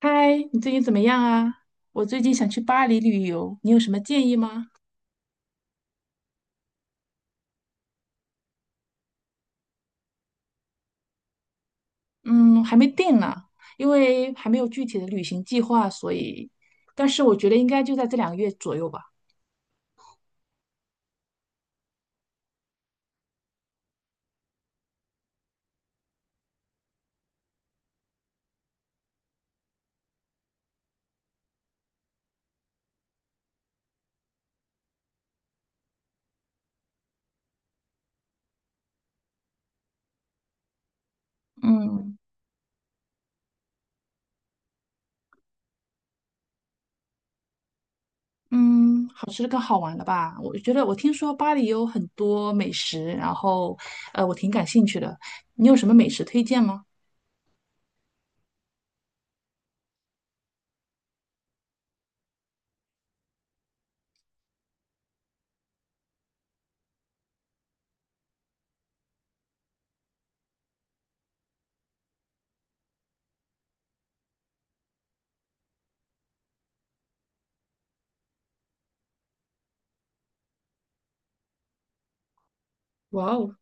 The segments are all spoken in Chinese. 嗨，你最近怎么样啊？我最近想去巴黎旅游，你有什么建议吗？嗯，还没定呢，因为还没有具体的旅行计划，所以，但是我觉得应该就在这两个月左右吧。嗯嗯，好吃的跟好玩的吧。我觉得我听说巴黎有很多美食，然后，我挺感兴趣的。你有什么美食推荐吗？哇哦，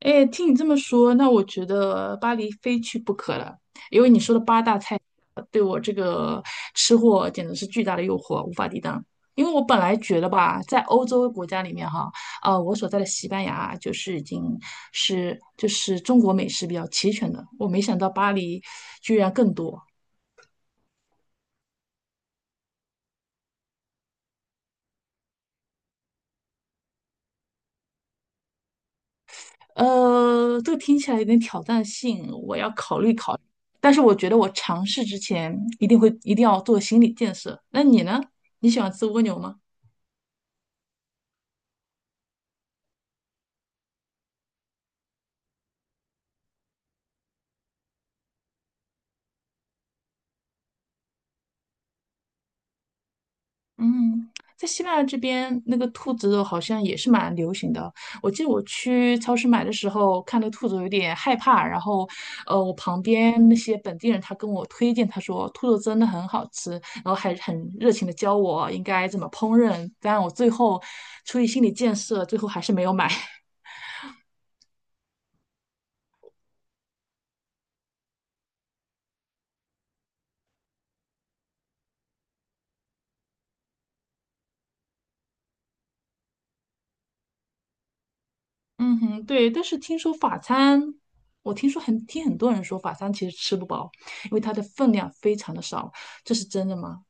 哎，听你这么说，那我觉得巴黎非去不可了，因为你说的八大菜对我这个吃货简直是巨大的诱惑，无法抵挡。因为我本来觉得吧，在欧洲国家里面哈，我所在的西班牙就是已经是就是中国美食比较齐全的，我没想到巴黎居然更多。这个听起来有点挑战性，我要考虑考虑。但是我觉得我尝试之前一定要做心理建设。那你呢？你喜欢吃蜗牛吗？嗯，在西班牙这边，那个兔子肉好像也是蛮流行的。我记得我去超市买的时候，看到兔子有点害怕，然后，我旁边那些本地人他跟我推荐，他说兔肉真的很好吃，然后还很热情的教我应该怎么烹饪。但我最后出于心理建设，最后还是没有买。嗯哼，对，但是听说法餐，我听说很，听很多人说法餐其实吃不饱，因为它的分量非常的少，这是真的吗？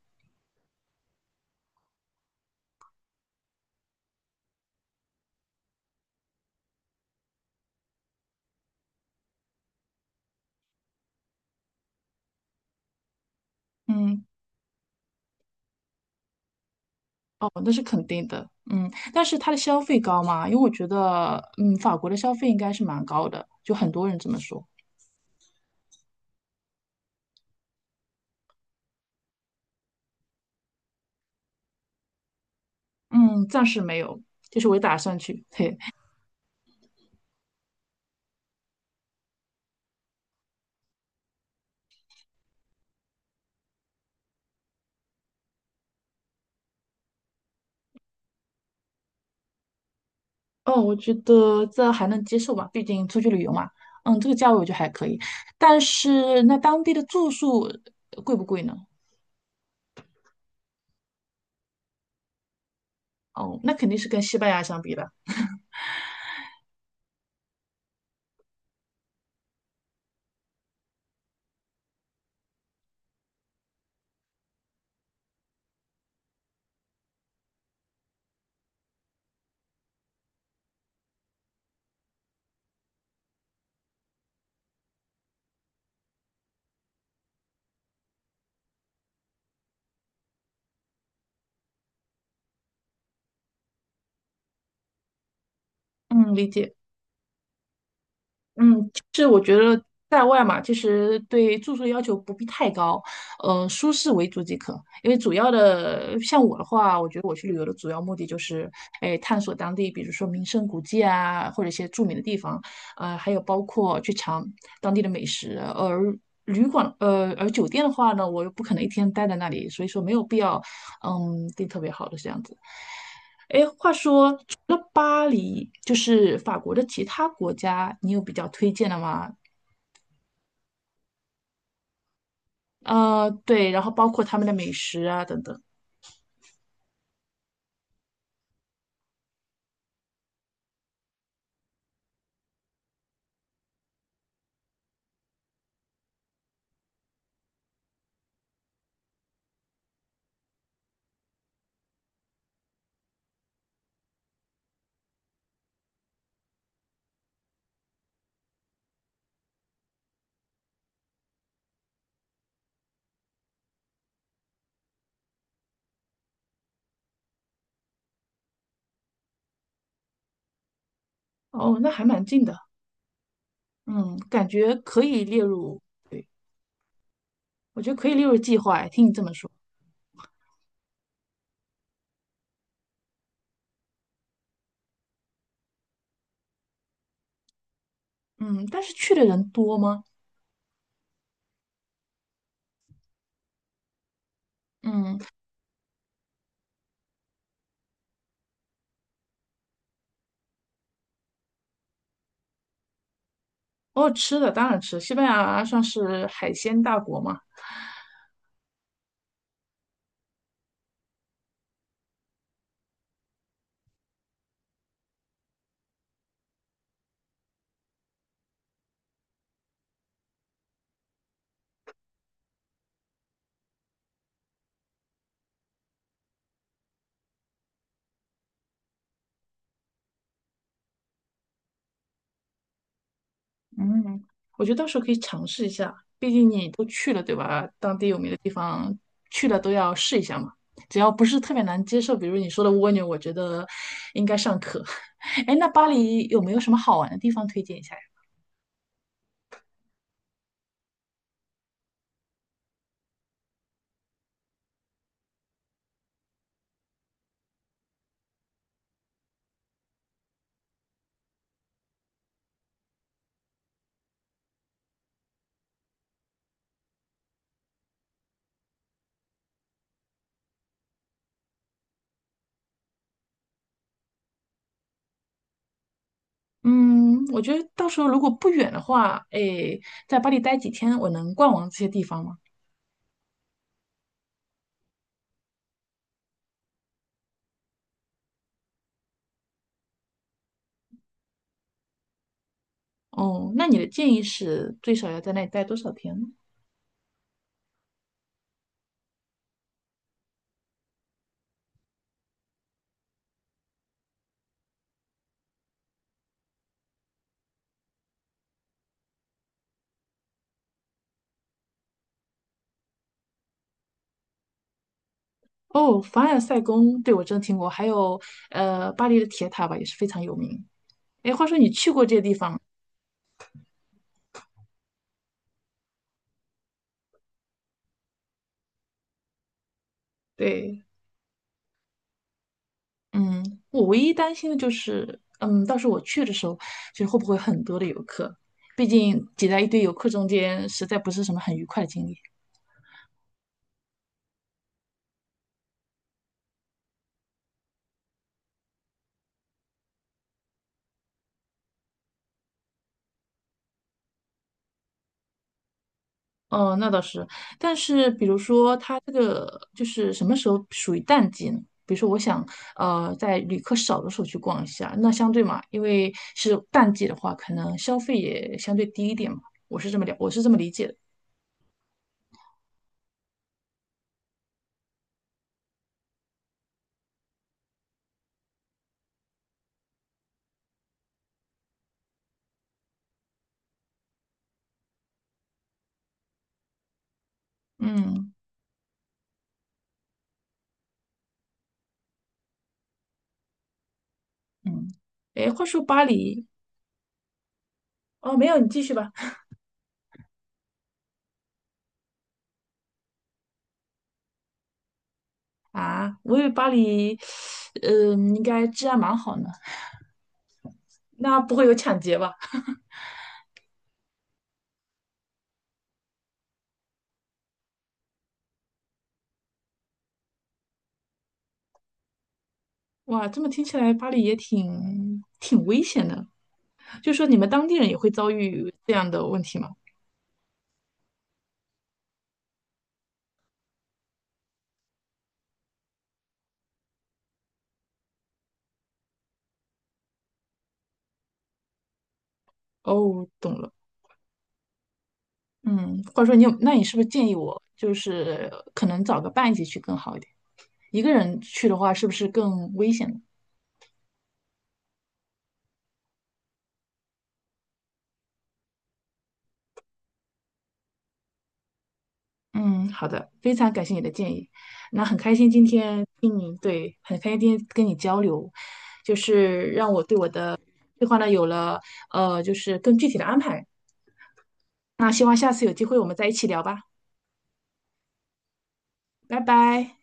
嗯，哦，那是肯定的，嗯，但是它的消费高吗？因为我觉得，嗯，法国的消费应该是蛮高的，就很多人这么说，嗯，暂时没有，就是我也打算去，嘿，哦，我觉得这还能接受吧，毕竟出去旅游嘛，嗯，这个价位我觉得还可以，但是那当地的住宿贵不贵呢？哦，那肯定是跟西班牙相比了，嗯，理解，嗯。在外嘛，其实对住宿要求不必太高，嗯，舒适为主即可。因为主要的，像我的话，我觉得我去旅游的主要目的就是，哎，探索当地，比如说名胜古迹啊，或者一些著名的地方，还有包括去尝当地的美食。而而酒店的话呢，我又不可能一天待在那里，所以说没有必要，嗯，订特别好的这样子。哎，话说，除了巴黎，就是法国的其他国家，你有比较推荐的吗？对，然后包括他们的美食啊等等。哦，那还蛮近的，嗯，感觉可以列入，对，我觉得可以列入计划。哎听你这么说，嗯，但是去的人多吗？嗯，哦，吃的当然吃，西班牙算是海鲜大国嘛，嗯，我觉得到时候可以尝试一下，毕竟你都去了，对吧？当地有名的地方去了都要试一下嘛，只要不是特别难接受，比如你说的蜗牛，我觉得应该尚可。哎，那巴黎有没有什么好玩的地方推荐一下？嗯，我觉得到时候如果不远的话，诶，在巴黎待几天，我能逛完这些地方吗？哦，那你的建议是最少要在那里待多少天呢？哦，凡尔赛宫，对，我真的听过，还有巴黎的铁塔吧，也是非常有名。诶，话说你去过这些地方吗？对，嗯，我唯一担心的就是，嗯，到时候我去的时候，就是会不会很多的游客？毕竟挤在一堆游客中间，实在不是什么很愉快的经历。哦，那倒是，但是比如说，它这个就是什么时候属于淡季呢？比如说，我想在旅客少的时候去逛一下，那相对嘛，因为是淡季的话，可能消费也相对低一点嘛。我是这么理解的。嗯嗯，哎，话说巴黎，哦，没有，你继续吧。啊，我以为巴黎，嗯、应该治安蛮好呢，那不会有抢劫吧？哇，这么听起来，巴黎也挺危险的。就说你们当地人也会遭遇这样的问题吗？哦，懂了。嗯，或者说你有，那你是不是建议我就是可能找个伴一起去更好一点？一个人去的话，是不是更危险呢？嗯，好的，非常感谢你的建议。那很开心今天听你，对，很开心今天跟你交流，就是计话呢有了就是更具体的安排。那希望下次有机会我们再一起聊吧，拜拜。